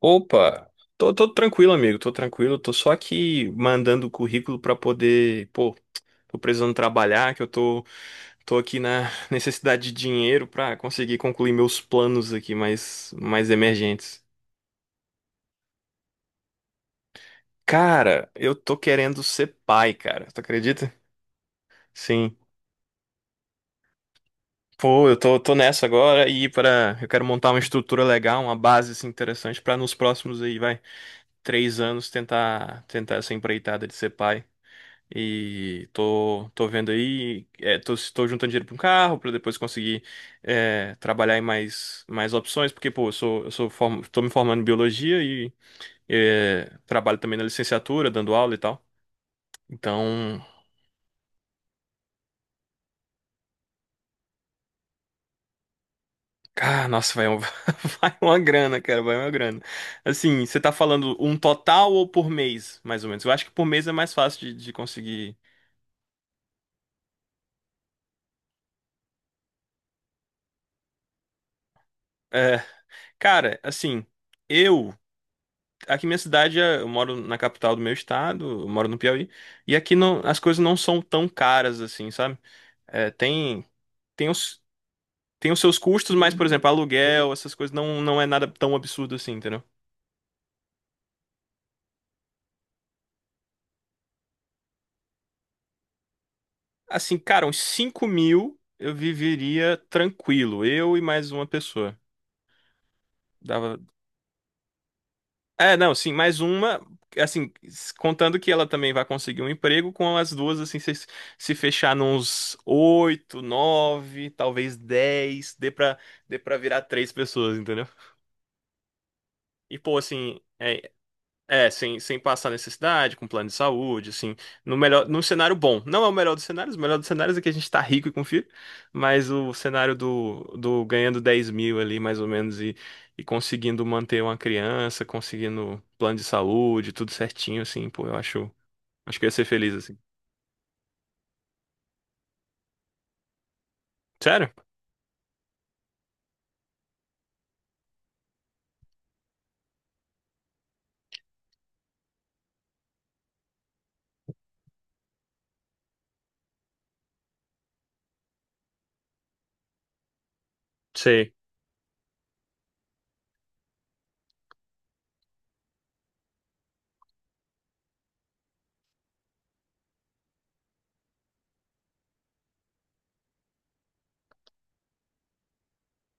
Opa, tô tranquilo, amigo, tô tranquilo, tô só aqui mandando currículo pra poder, pô, tô precisando trabalhar, que eu tô aqui na necessidade de dinheiro pra conseguir concluir meus planos aqui mais emergentes. Cara, eu tô querendo ser pai, cara, tu acredita? Sim. Pô, eu tô nessa agora e para eu quero montar uma estrutura legal, uma base assim, interessante pra nos próximos aí, vai, 3 anos tentar essa empreitada de ser pai. E tô vendo aí, é, tô juntando dinheiro para um carro para depois conseguir é, trabalhar em mais opções, porque pô, tô me formando em biologia e é, trabalho também na licenciatura, dando aula e tal. Então, cara, nossa, vai, vai uma grana, cara, vai uma grana. Assim, você tá falando um total ou por mês, mais ou menos? Eu acho que por mês é mais fácil de conseguir. É, cara, assim, eu aqui minha cidade, eu moro na capital do meu estado, eu moro no Piauí, e aqui não, as coisas não são tão caras assim, sabe? É, tem, tem os, tem os seus custos, mas, por exemplo, aluguel, essas coisas não é nada tão absurdo assim, entendeu? Assim, cara, uns 5 mil eu viveria tranquilo, eu e mais uma pessoa. Dava, é, não, sim, mais uma, assim, contando que ela também vai conseguir um emprego, com as duas, assim, se fechar nos oito, nove, talvez dez, dê pra virar três pessoas, entendeu? E, pô, assim, é, é, sem passar necessidade, com plano de saúde, assim, no melhor, num cenário bom. Não é o melhor dos cenários, o melhor dos cenários é que a gente tá rico e confia, mas o cenário do ganhando 10 mil ali, mais ou menos, e conseguindo manter uma criança, conseguindo plano de saúde, tudo certinho, assim, pô, eu acho que eu ia ser feliz, assim. Sério? Sei.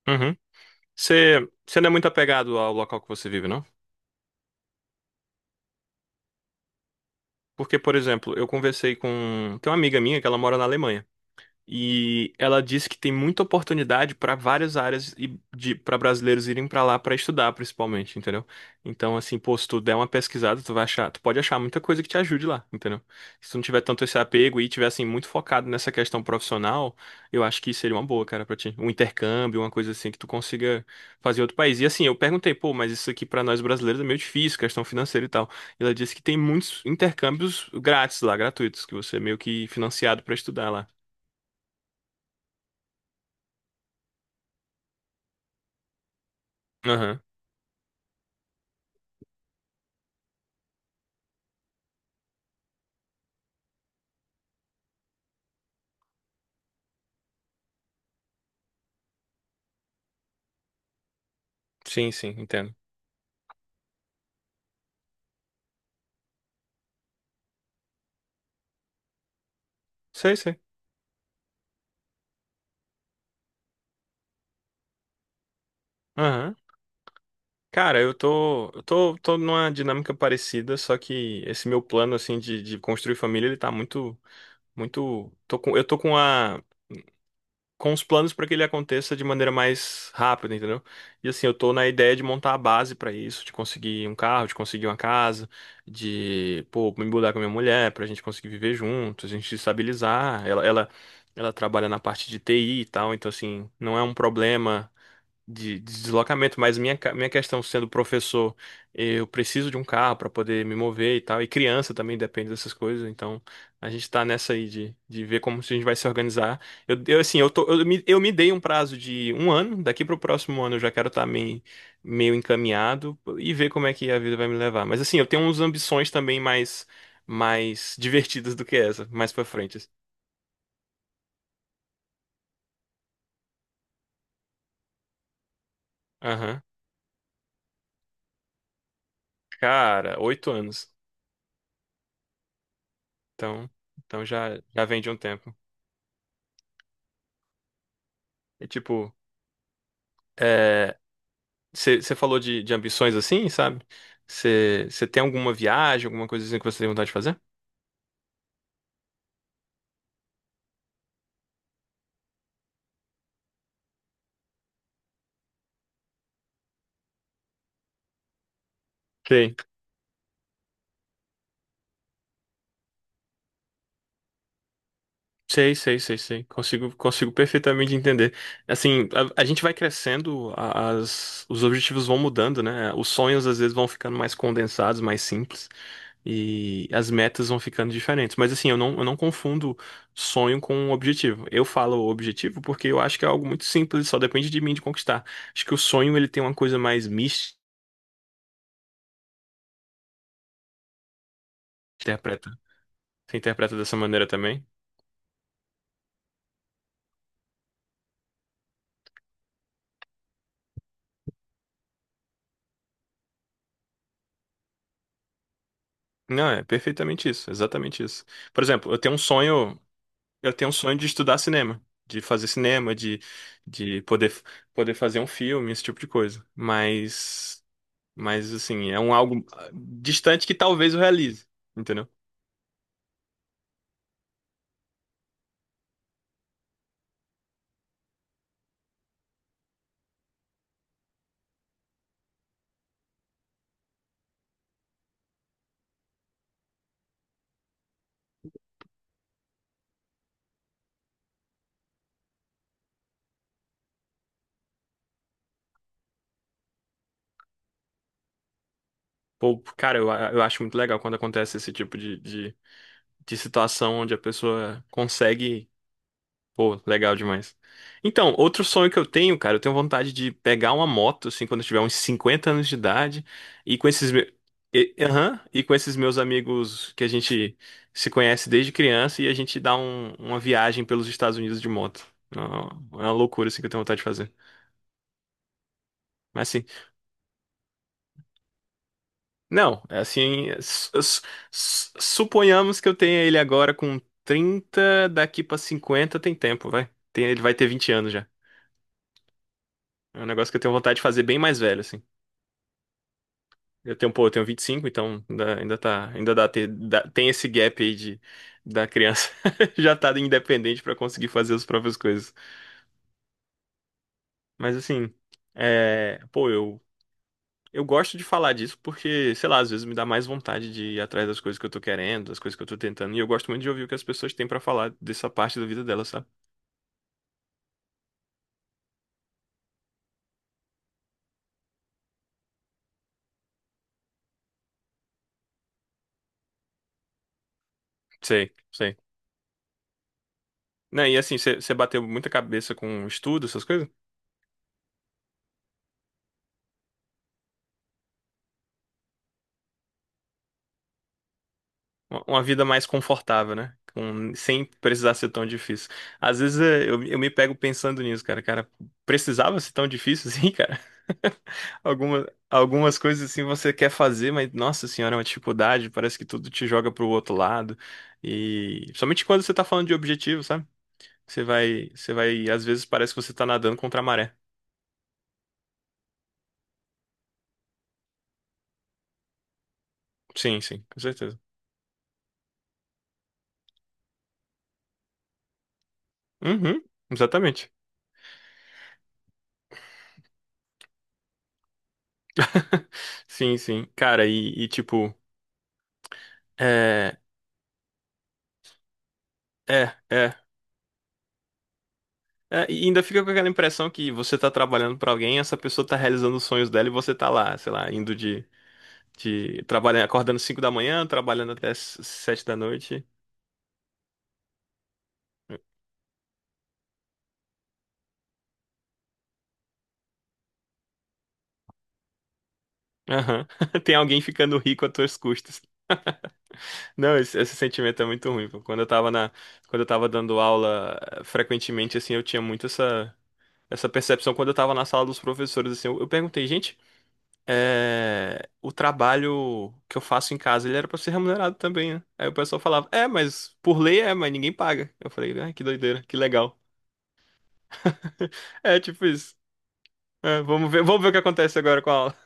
Uhum. Você não é muito apegado ao local que você vive, não? Porque, por exemplo, eu conversei com, tem uma amiga minha que ela mora na Alemanha. E ela disse que tem muita oportunidade para várias áreas e de para brasileiros irem para lá para estudar, principalmente, entendeu? Então, assim, pô, se tu der uma pesquisada, tu vai achar, tu pode achar muita coisa que te ajude lá, entendeu? Se tu não tiver tanto esse apego e tiver assim muito focado nessa questão profissional, eu acho que seria uma boa, cara, para ti. Um intercâmbio, uma coisa assim que tu consiga fazer em outro país. E assim, eu perguntei, pô, mas isso aqui para nós brasileiros é meio difícil, questão financeira e tal. E ela disse que tem muitos intercâmbios grátis lá, gratuitos, que você é meio que financiado para estudar lá. Aham. Sim, sim, entendo. Sei, sei. Aham. Cara, tô numa dinâmica parecida, só que esse meu plano, assim, de construir família, ele tá muito, muito, tô com, eu tô com a, com os planos pra que ele aconteça de maneira mais rápida, entendeu? E assim, eu tô na ideia de montar a base pra isso, de conseguir um carro, de conseguir uma casa, de, pô, me mudar com a minha mulher, pra gente conseguir viver juntos, a gente se estabilizar. Ela trabalha na parte de TI e tal, então assim, não é um problema de deslocamento, mas minha questão sendo professor, eu preciso de um carro para poder me mover e tal, e criança também depende dessas coisas, então a gente tá nessa aí de ver como a gente vai se organizar. Assim, eu me dei um prazo de um ano, daqui para o próximo ano eu já quero estar meio encaminhado e ver como é que a vida vai me levar. Mas assim, eu tenho umas ambições também mais divertidas do que essa, mais para frente, assim. Aham. Cara, 8 anos. Então, então já, já vem de um tempo. É tipo, é. Você falou de ambições assim, sabe? Você tem alguma viagem, alguma coisa assim que você tem vontade de fazer? Sei, sei, sei, sei, sei. Consigo perfeitamente entender. Assim, a gente vai crescendo, os objetivos vão mudando, né? Os sonhos às vezes vão ficando mais condensados, mais simples, e as metas vão ficando diferentes. Mas assim, eu não confundo sonho com objetivo. Eu falo objetivo porque eu acho que é algo muito simples, só depende de mim de conquistar. Acho que o sonho ele tem uma coisa mais mística. Você interpreta dessa maneira também? Não, é perfeitamente isso, exatamente isso. Por exemplo, eu tenho um sonho, eu tenho um sonho de estudar cinema, de fazer cinema, de poder fazer um filme, esse tipo de coisa. Mas assim, é um algo distante que talvez eu realize, entendeu? Pô, cara, eu acho muito legal quando acontece esse tipo de situação onde a pessoa consegue. Pô, legal demais. Então, outro sonho que eu tenho, cara, eu tenho vontade de pegar uma moto, assim, quando eu tiver uns 50 anos de idade, e com esses, e, aham, e com esses meus amigos que a gente se conhece desde criança, e a gente dá uma viagem pelos Estados Unidos de moto. É uma loucura, assim, que eu tenho vontade de fazer. Mas, assim, não, é assim, suponhamos que eu tenha ele agora com 30 daqui pra 50 tem tempo, vai. Ele vai ter 20 anos já. É um negócio que eu tenho vontade de fazer bem mais velho, assim. Eu tenho, pô, eu tenho 25, então ainda, ainda tá, ainda dá, ter, dá- tem esse gap aí de da criança já tá independente pra conseguir fazer as próprias coisas. Mas assim, é, pô, eu gosto de falar disso porque, sei lá, às vezes me dá mais vontade de ir atrás das coisas que eu tô querendo, das coisas que eu tô tentando, e eu gosto muito de ouvir o que as pessoas têm pra falar dessa parte da vida delas, sabe? Sei, sei. Né, e assim, você bateu muita cabeça com estudo, essas coisas? Uma vida mais confortável, né? Sem precisar ser tão difícil. Às vezes é, eu me pego pensando nisso, cara. Cara, precisava ser tão difícil assim, cara? Alguma, algumas coisas assim você quer fazer, mas nossa senhora, é uma dificuldade. Parece que tudo te joga pro outro lado. E somente quando você tá falando de objetivo, sabe? Você vai, às vezes parece que você tá nadando contra a maré. Sim, sim, com certeza. Uhum, exatamente. Sim, sim. Cara, e tipo, é, é, é. É, e ainda fica com aquela impressão que você tá trabalhando pra alguém, essa pessoa tá realizando os sonhos dela e você tá lá, sei lá, indo de trabalhando, acordando 5 da manhã, trabalhando até 7 da noite. Aham. Tem alguém ficando rico às tuas custas. Não, esse sentimento é muito ruim. Pô. Quando eu tava dando aula frequentemente, assim, eu tinha muito essa percepção quando eu tava na sala dos professores, assim, eu perguntei, gente, é, o trabalho que eu faço em casa, ele era pra ser remunerado também, né? Aí o pessoal falava, é, mas por lei é, mas ninguém paga. Eu falei, ah, que doideira, que legal. É, tipo isso. É, vamos ver o que acontece agora com a aula.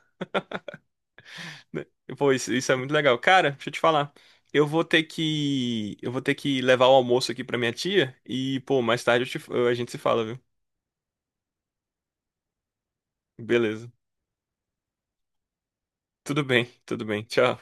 Pô, isso é muito legal. Cara, deixa eu te falar. Eu vou ter que levar o almoço aqui pra minha tia e, pô, mais tarde a gente se fala, viu? Beleza. Tudo bem, tudo bem. Tchau.